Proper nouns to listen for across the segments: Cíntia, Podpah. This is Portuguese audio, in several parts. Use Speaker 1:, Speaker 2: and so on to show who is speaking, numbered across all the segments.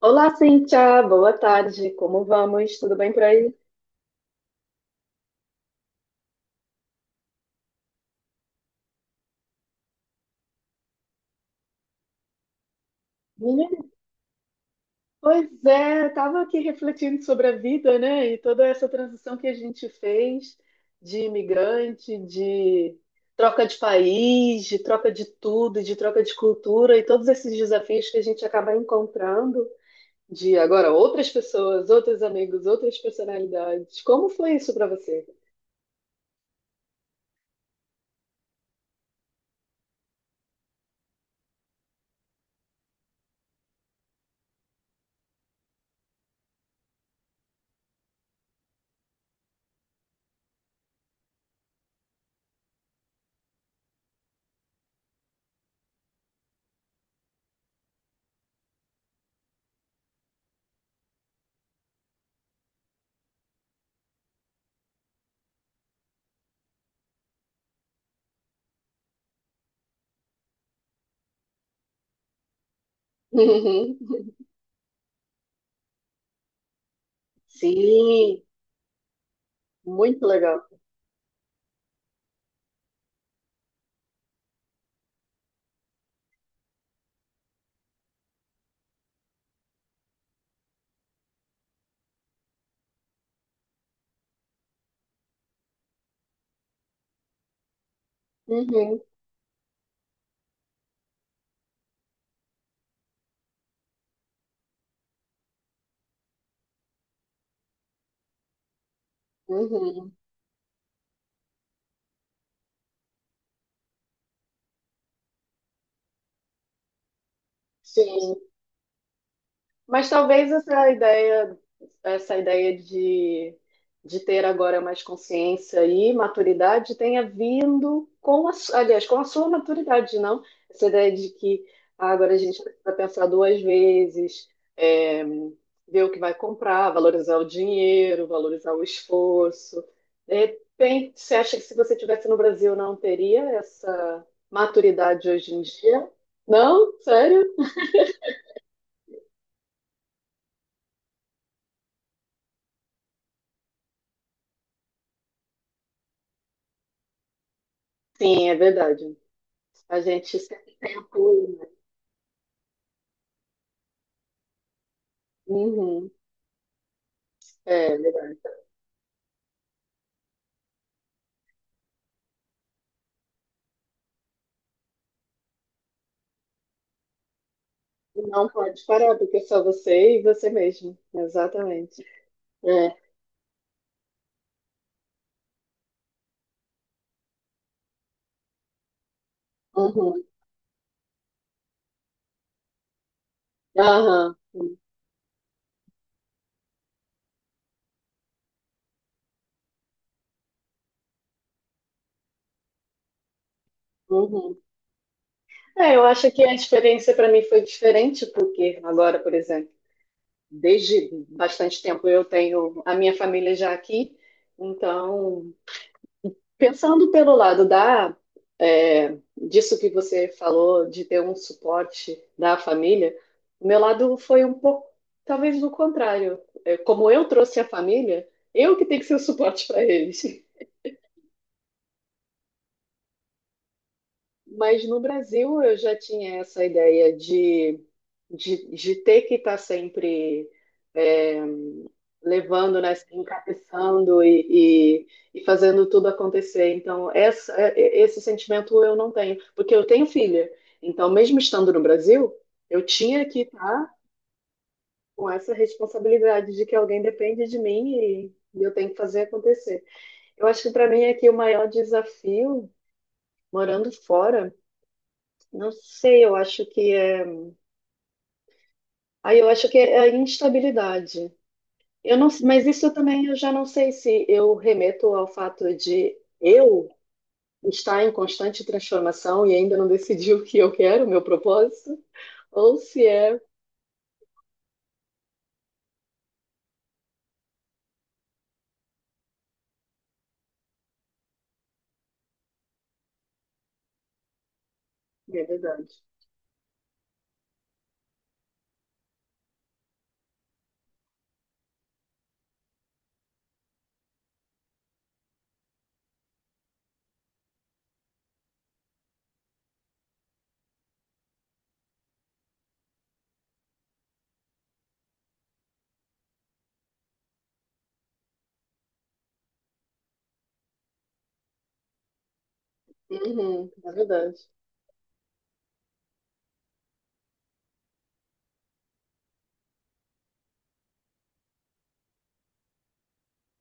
Speaker 1: Olá, Cíntia, boa tarde, como vamos? Tudo bem por aí? Menina, pois é, estava aqui refletindo sobre a vida, né? E toda essa transição que a gente fez de imigrante, de troca de país, de troca de tudo, de troca de cultura e todos esses desafios que a gente acaba encontrando de agora outras pessoas, outros amigos, outras personalidades. Como foi isso para você? Uhum. Sim, muito legal. Uhum, uhum. Sim, mas talvez essa ideia, essa ideia de ter agora mais consciência e maturidade tenha vindo com a sua maturidade, não? Essa ideia de que agora a gente precisa pensar duas vezes, é, ver o que vai comprar, valorizar o dinheiro, valorizar o esforço. De repente, você acha que se você tivesse no Brasil não teria essa maturidade hoje em dia? Não? Sério? Sim, é verdade. A gente sempre tem apoio, né? Uhum. É, verdade. Não pode parar, porque é só você e você mesmo. Exatamente. É. Uhum. Aham. Uhum. É, eu acho que a experiência para mim foi diferente, porque agora, por exemplo, desde bastante tempo eu tenho a minha família já aqui, então, pensando pelo lado disso que você falou, de ter um suporte da família, o meu lado foi um pouco, talvez do contrário. É, como eu trouxe a família, eu que tenho que ser o suporte para eles. Mas no Brasil eu já tinha essa ideia de ter que estar sempre é, levando, né, encabeçando e fazendo tudo acontecer. Então, esse sentimento eu não tenho, porque eu tenho filha. Então, mesmo estando no Brasil, eu tinha que estar com essa responsabilidade de que alguém depende de mim e eu tenho que fazer acontecer. Eu acho que para mim aqui o maior desafio, morando fora, não sei, eu acho que é, aí eu acho que é a instabilidade. Eu não, mas isso também eu já não sei se eu remeto ao fato de eu está em constante transformação e ainda não decidiu o que eu quero, o meu propósito, ou se é. É verdade. Uhum, é verdade.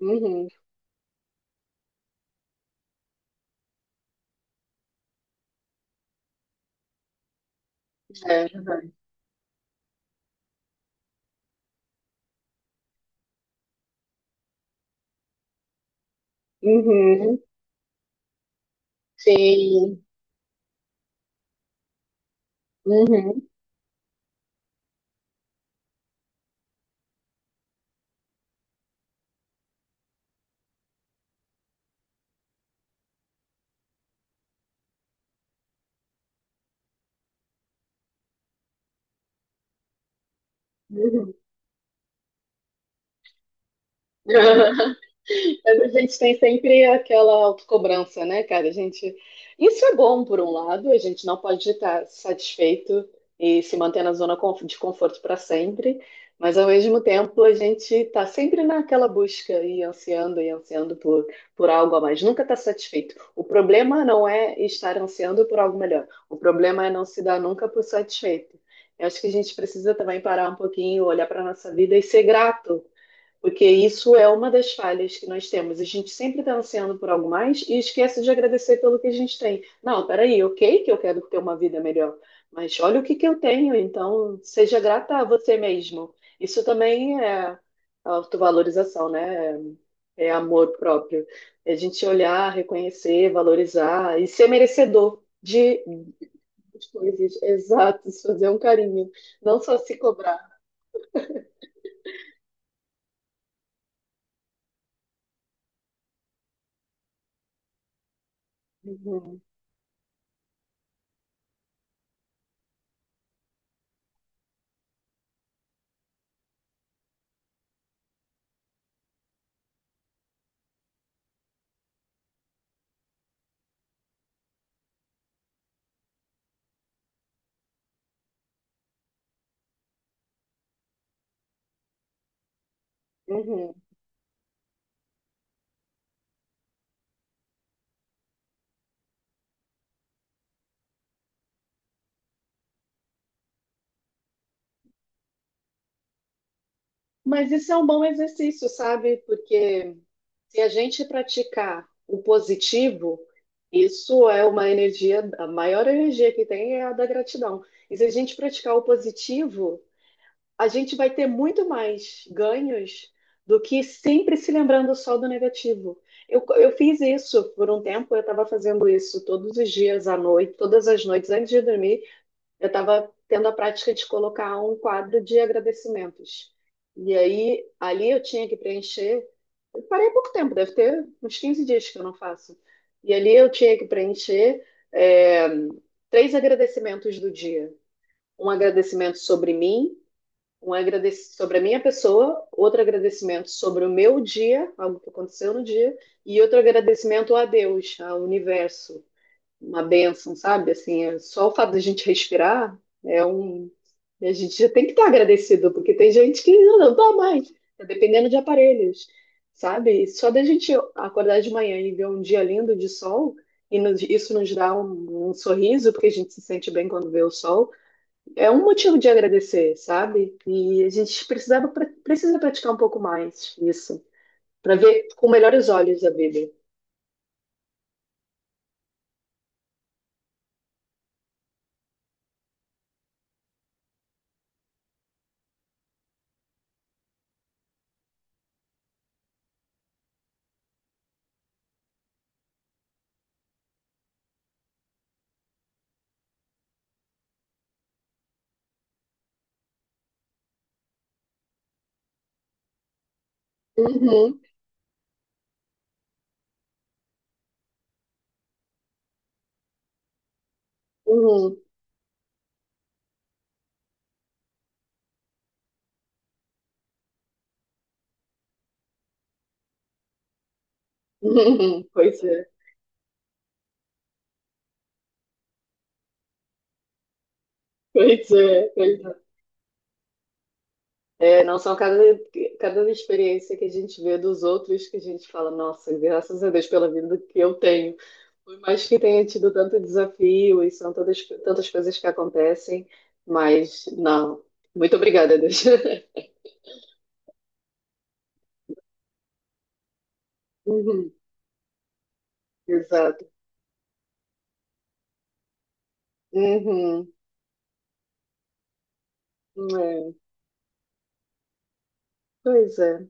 Speaker 1: Uhum, é verdade. Uhum, sim. Uhum, uhum. Mas a gente tem sempre aquela autocobrança, né, cara? A gente. Isso é bom, por um lado, a gente não pode estar satisfeito e se manter na zona de conforto para sempre, mas ao mesmo tempo a gente está sempre naquela busca e ansiando por algo a mais, nunca está satisfeito. O problema não é estar ansiando por algo melhor, o problema é não se dar nunca por satisfeito. Eu acho que a gente precisa também parar um pouquinho, olhar para a nossa vida e ser grato, porque isso é uma das falhas que nós temos. A gente sempre está ansiando por algo mais e esquece de agradecer pelo que a gente tem. Não, peraí, ok que eu quero ter uma vida melhor, mas olha o que que eu tenho, então seja grata a você mesmo. Isso também é autovalorização, né? É amor próprio. É a gente olhar, reconhecer, valorizar e ser merecedor de coisas. Exato, fazer um carinho, não só se cobrar. Uhum, uhum. Mas isso é um bom exercício, sabe? Porque se a gente praticar o positivo, isso é uma energia, a maior energia que tem é a da gratidão. E se a gente praticar o positivo, a gente vai ter muito mais ganhos do que sempre se lembrando só do negativo. Eu fiz isso por um tempo, eu estava fazendo isso todos os dias à noite, todas as noites antes de dormir. Eu estava tendo a prática de colocar um quadro de agradecimentos. E aí, ali eu tinha que preencher. Eu parei há pouco tempo, deve ter uns 15 dias que eu não faço. E ali eu tinha que preencher, é, três agradecimentos do dia: um agradecimento sobre mim, um agradecimento sobre a minha pessoa, outro agradecimento sobre o meu dia, algo que aconteceu no dia, e outro agradecimento a Deus, ao universo, uma bênção, sabe? Assim, é só o fato da gente respirar é um. E a gente já tem que estar agradecido, porque tem gente que: "Ah, não dá mais, tá dependendo de aparelhos", sabe? E só da gente acordar de manhã e ver um dia lindo de sol, e isso nos dá um sorriso, porque a gente se sente bem quando vê o sol, é um motivo de agradecer, sabe? E a gente precisa praticar um pouco mais isso, para ver com melhores olhos a vida. Uhum, uhum, uhum, pois é. Pois é, pois é. É, não são cada experiência que a gente vê dos outros que a gente fala, nossa, graças a Deus pela vida que eu tenho. Por mais que tenha tido tanto desafio e são tantas coisas que acontecem, mas não. Muito obrigada, Deus. Uhum, exato. Uhum, é, pois é.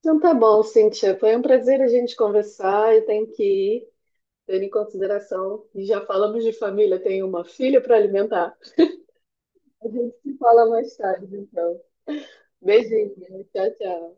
Speaker 1: Então tá bom, Cíntia. Foi um prazer a gente conversar. Eu tenho que ir, tendo em consideração que já falamos de família, tenho uma filha para alimentar. A gente se fala mais tarde, então. Beijinho, tchau, tchau.